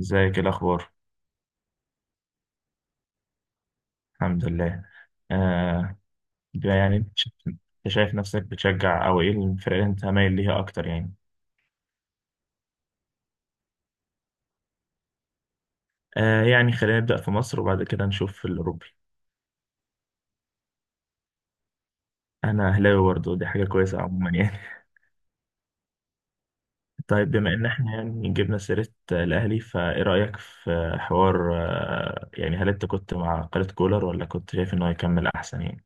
ازيك؟ إيه الاخبار؟ الحمد لله. آه. يعني انت أنت شايف نفسك بتشجع او ايه الفرق اللي انت مايل ليها اكتر يعني؟ آه، يعني خلينا نبدا في مصر وبعد كده نشوف في الاوروبي. انا اهلاوي برضه، دي حاجه كويسه عموما يعني. طيب، بما ان احنا يعني جبنا سيره، الاهلي، فايه رايك في حوار، يعني هل انت كنت مع قلة كولر ولا كنت شايف انه هيكمل احسن يعني؟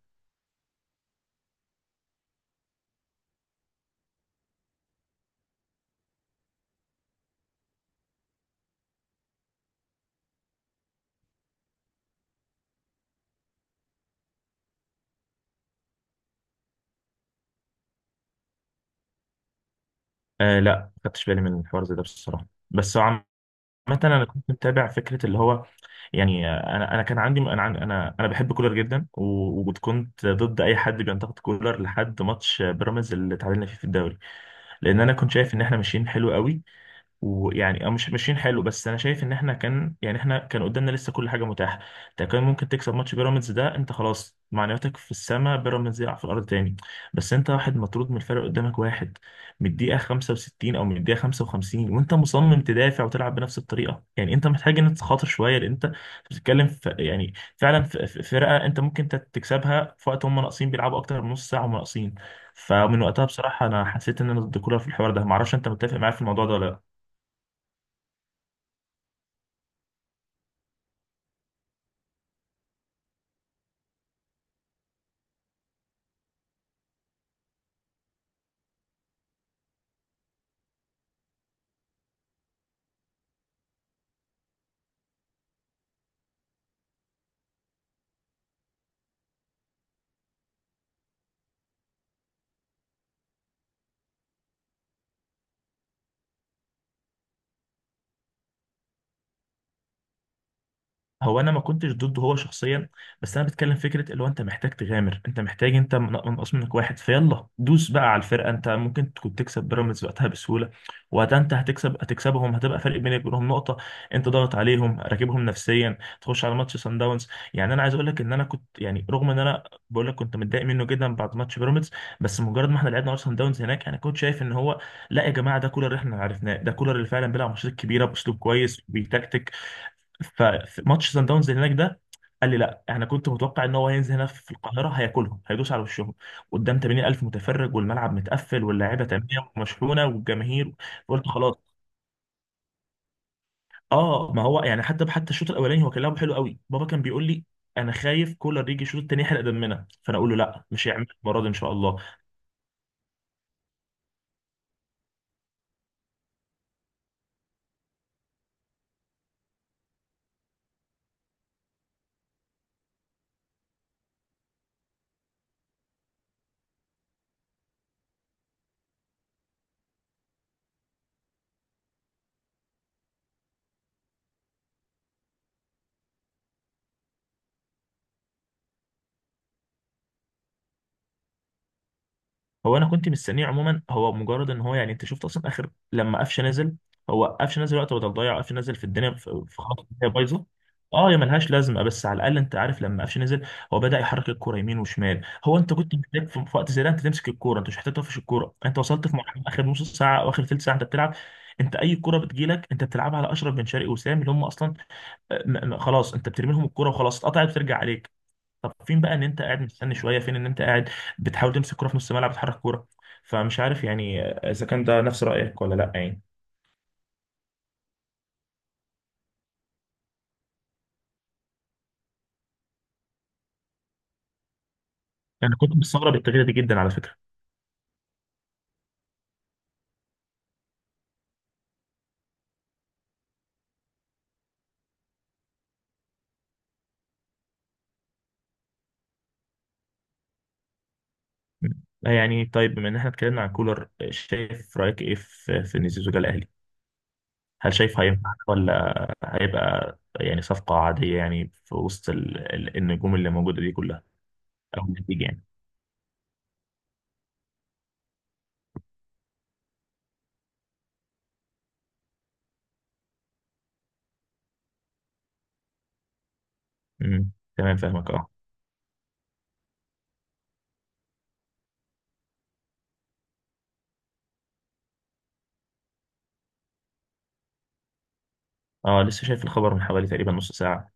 آه لا، ما خدتش بالي من الحوار زي ده بصراحه، بس هو، مثلا، انا كنت متابع فكره اللي هو، يعني انا كان عندي انا عن- انا انا بحب كولر جدا و- وكنت ضد اي حد بينتقد كولر لحد ماتش بيراميدز اللي تعادلنا فيه في الدوري. لان انا كنت شايف ان احنا ماشيين حلو قوي. ويعني مش ماشيين حلو، بس انا شايف ان احنا كان قدامنا لسه كل حاجه متاحه. انت كان ممكن تكسب ماتش بيراميدز ده، انت خلاص معنوياتك في السماء، بيراميدز يقع في الارض تاني. بس انت واحد مطرود من الفرق، قدامك واحد من الدقيقه 65 او من الدقيقه 55، وانت مصمم تدافع وتلعب بنفس الطريقه. يعني انت محتاج ان تخاطر شويه، لان انت بتتكلم في يعني فعلا في فرقه انت ممكن تكسبها في وقت هم ناقصين، بيلعبوا اكتر من نص ساعه هم ناقصين. فمن وقتها بصراحه انا حسيت ان انا ضد كولر في الحوار ده. معرفش انت متفق معايا في الموضوع ده ولا. هو انا ما كنتش ضده هو شخصيا، بس انا بتكلم فكره اللي هو انت محتاج تغامر. انت محتاج، انت منقص منك واحد، فيلا دوس بقى على الفرقه. انت ممكن تكون تكسب بيراميدز وقتها بسهوله. وقتها انت هتكسبهم، هتبقى فرق بينك وبينهم نقطه. انت ضغط عليهم، راكبهم نفسيا، تخش على ماتش سان داونز. يعني انا عايز اقول لك ان انا كنت، يعني رغم ان انا بقول لك كنت متضايق منه جدا بعد ماتش بيراميدز، بس مجرد ما احنا لعبنا ماتش سان داونز هناك، انا كنت شايف ان هو، لا يا جماعه، ده كولر اللي احنا عرفناه، ده كولر اللي فعلا بيلعب ماتشات كبيره باسلوب كويس بيتكتك. فماتش سان داونز اللي هناك ده قال لي لا، انا كنت متوقع ان هو هينزل هنا في القاهره هياكلهم، هيدوس على وشهم قدام 80000 متفرج، والملعب متقفل، واللاعيبه تمام ومشحونه، والجماهير. قلت خلاص. اه، ما هو يعني حتى الشوط الاولاني هو كان لعبه حلو قوي. بابا كان بيقول لي انا خايف كولر يجي الشوط التاني يحرق دمنا، فانا اقول له لا مش هيعمل المره دي ان شاء الله. هو انا كنت مستنيه عموما. هو مجرد ان هو، يعني انت شفت اصلا اخر لما قفشه نزل، هو قفشه نزل وقت بدل ضيع، قفشه نزل في الدنيا، في خط الدنيا بايظه. اه يا ملهاش لازمه، بس على الاقل انت عارف لما قفشه نزل، هو بدا يحرك الكوره يمين وشمال. هو انت كنت محتاج في وقت زي ده انت تمسك الكوره، انت مش محتاج تقفش الكوره. انت وصلت في مرحله اخر نص ساعه او اخر ثلث ساعه انت بتلعب. انت اي كوره بتجيلك انت بتلعبها على اشرف بن شرقي وسام اللي هم اصلا، خلاص انت بترمي لهم الكوره وخلاص، اتقطعت بترجع عليك. طب فين بقى ان انت قاعد مستني شويه، فين ان انت قاعد بتحاول تمسك كوره في نص الملعب، تحرك كوره. فمش عارف يعني اذا كان ده نفس رايك ولا لا يعني. انا كنت مستغرب التغيير ده جدا على فكره. يعني طيب، بما ان احنا اتكلمنا عن كولر، شايف رايك ايه في ان زيزو جه الاهلي؟ هل شايف هينفع، ولا هيبقى يعني صفقه عاديه يعني في وسط النجوم اللي موجوده دي كلها، او النتيجه يعني؟ امم تمام، فاهمك اه. اه لسه شايف الخبر من حوالي تقريبا نص ساعه.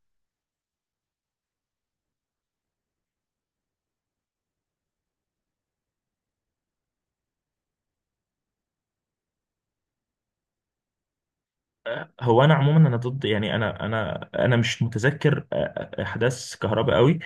هو انا عموما انا ضد، يعني انا مش متذكر احداث كهرباء قوي.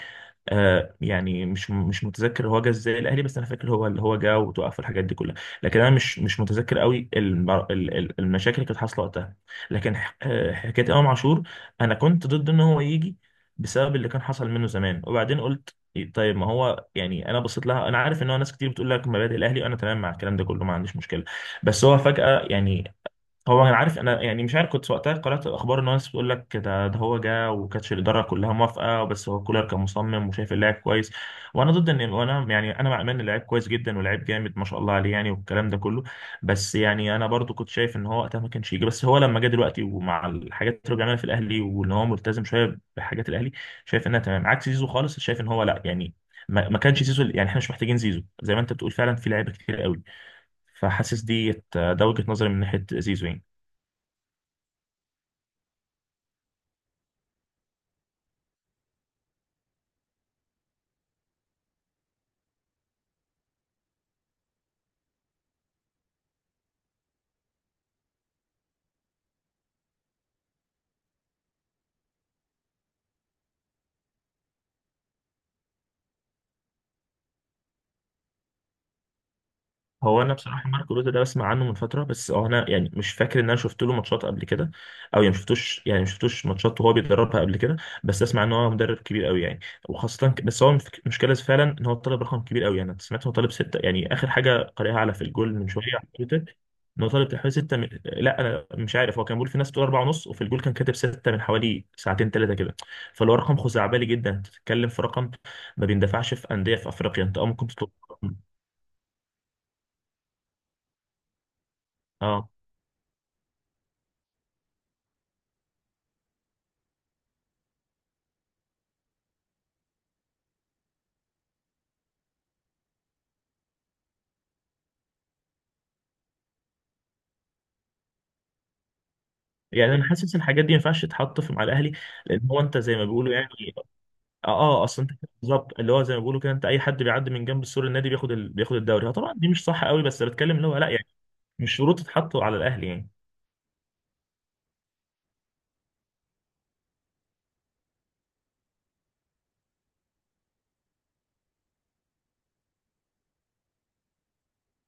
يعني مش متذكر هو جه ازاي الاهلي، بس انا فاكر هو اللي هو جه وتوقف الحاجات دي كلها. لكن انا مش متذكر قوي المشاكل اللي كانت حاصله وقتها. لكن حكايه امام عاشور، انا كنت ضد ان هو يجي بسبب اللي كان حصل منه زمان. وبعدين قلت طيب، ما هو يعني انا بصيت لها. انا عارف ان هو ناس كتير بتقول لك مبادئ الاهلي وانا تمام مع الكلام ده كله، ما عنديش مشكله، بس هو فجاه يعني. هو انا عارف انا يعني، مش عارف كنت وقتها قرأت الاخبار ان الناس بتقول لك ده هو جه وكانتش الاداره كلها موافقه بس هو كولر كان مصمم وشايف اللاعب كويس. وانا ضد ان، وانا يعني انا مع امان اللاعب كويس جدا، ولاعب جامد ما شاء الله عليه يعني والكلام ده كله. بس يعني انا برضو كنت شايف ان هو وقتها ما كانش يجي. بس هو لما جه دلوقتي ومع الحاجات اللي رجعنا في الاهلي وان هو ملتزم شويه بحاجات الاهلي، شايف انها تمام. عكس زيزو خالص، شايف ان هو لا يعني، ما كانش زيزو، يعني احنا مش محتاجين زيزو. زي ما انت بتقول فعلا في لعيبه كتير قوي. فحاسس ديت، ده وجهة نظري من ناحية زيزو يعني. هو انا بصراحه مارك روتا ده بسمع عنه من فتره، بس هو انا يعني مش فاكر ان انا شفت له ماتشات قبل كده، او يعني مشفتوش ماتشات وهو بيدربها قبل كده. بس اسمع ان هو مدرب كبير قوي يعني، وخاصه بس هو المشكله فعلا ان هو طالب رقم كبير قوي يعني. انا سمعت إن هو طالب سته، يعني اخر حاجه قارئها على في الجول من شويه على تويتر، ان هو طالب تحوالي سته من، لا انا مش عارف، هو كان بيقول في ناس بتقول اربعه ونص، وفي الجول كان كاتب سته من حوالي ساعتين ثلاثه كده. فاللي هو رقم خزعبلي جدا، تتكلم في رقم ما بيندفعش في انديه في افريقيا. انت اه ممكن تطلب. اه يعني انا حاسس الحاجات دي ما ينفعش تتحط في مع الاهلي، لان هو انت زي ما بيقولوا يعني. اه اه، اصل انت كده بالظبط، اللي هو زي ما بيقولوا كده، انت اي حد بيعدي من جنب سور النادي بياخد بياخد الدوري. اه طبعا دي مش صح قوي، بس بتكلم اللي هو لا يعني، مش شروط تتحط على الاهلي يعني.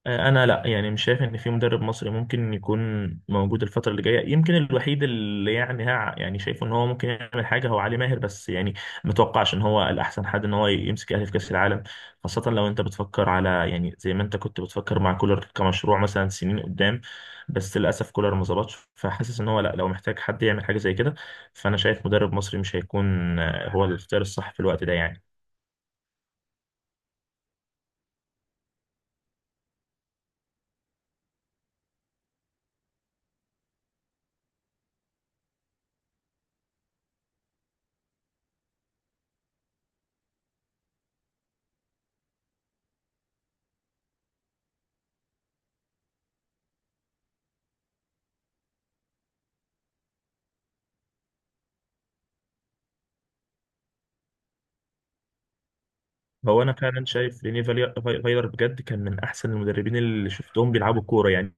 انا لا، يعني مش شايف ان في مدرب مصري ممكن يكون موجود الفتره اللي جايه. يمكن الوحيد اللي يعني ها يعني شايفه ان هو ممكن يعمل حاجه هو علي ماهر، بس يعني ما اتوقعش ان هو الاحسن حد ان هو يمسك الاهلي في كاس العالم، خاصه لو انت بتفكر على يعني زي ما انت كنت بتفكر مع كولر كمشروع مثلا سنين قدام. بس للاسف كولر ما ظبطش، فحاسس ان هو لا، لو محتاج حد يعمل حاجه زي كده، فانا شايف مدرب مصري مش هيكون هو الاختيار الصح في الوقت ده يعني. هو انا فعلا شايف ريني فايلر بجد كان من احسن المدربين اللي شفتهم بيلعبوا كوره يعني.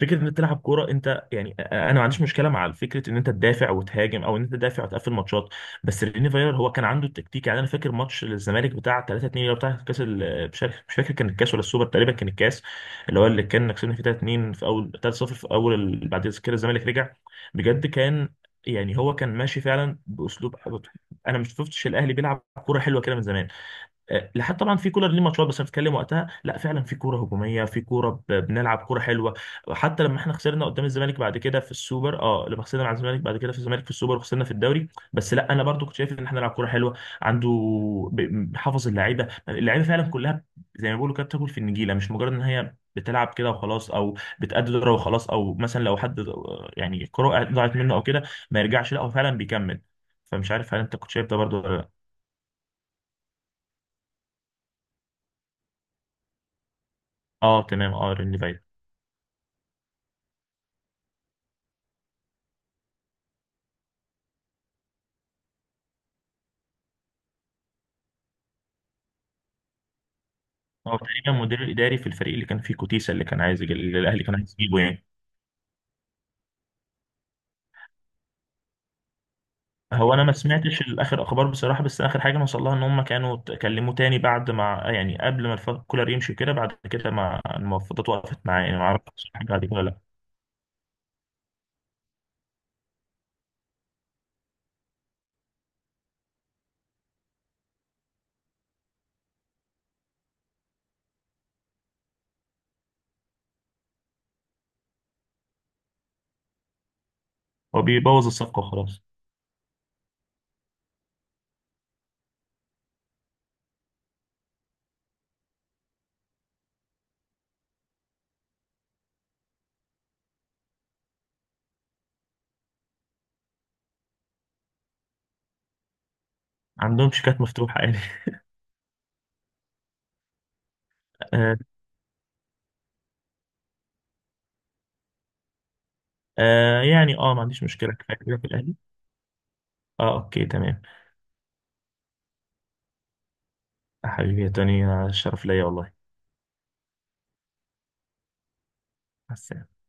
فكره ان انت تلعب كوره، انت يعني انا ما عنديش مشكله مع فكره ان انت تدافع وتهاجم او ان انت تدافع وتقفل ماتشات، بس ريني فايلر هو كان عنده التكتيك. يعني انا فاكر ماتش الزمالك بتاع 3-2، اللي هو بتاع كاس مش فاكر كان الكاس ولا السوبر، تقريبا كان الكاس، اللي كان كسبنا فيه 3-2، في اول 3-0 في اول بعد كده الزمالك رجع. بجد كان، يعني هو كان ماشي فعلا باسلوب. انا ما شفتش الاهلي بيلعب كوره حلوه كده من زمان، لحد طبعا في كولر ليه ماتشات بس هنتكلم وقتها. لا فعلا في كوره هجوميه، في كوره بنلعب كوره حلوه، حتى لما احنا خسرنا قدام الزمالك بعد كده في السوبر. اه لما خسرنا على الزمالك بعد كده في الزمالك في السوبر وخسرنا في الدوري، بس لا انا برضو كنت شايف ان احنا نلعب كوره حلوه. عنده حافظ اللعيبه، فعلا كلها زي ما بيقولوا كده بتاكل في النجيله، مش مجرد ان هي بتلعب كده وخلاص، او بتأدي دورة وخلاص، او مثلا لو حد، يعني الكوره ضاعت منه او كده ما يرجعش، لا هو فعلا بيكمل. فمش عارف هل انت كنت شايف ده برضو ولا لا. اه تمام، اه رن. هو تقريبا مدير الاداري في الفريق اللي كان فيه كوتيسا، اللي كان عايز يجي، اللي الاهلي كان عايز يجيبه يعني. هو انا ما سمعتش الاخر اخبار بصراحه، بس اخر حاجه نوصل لها ان هم كانوا كلموه تاني بعد ما، يعني قبل ما كولر يمشي كده، بعد كده ما المفاوضات وقفت معاه يعني. ما اعرفش حاجه بعد كده لا. هو بيبوظ الصفقه وخلاص. عندهم شيكات مفتوحه يعني. آه. آه يعني اه ما عنديش مشكله، كفايه كده في الاهلي. اه اوكي تمام. حبيبي يا توني، الشرف ليا والله. مع السلامه.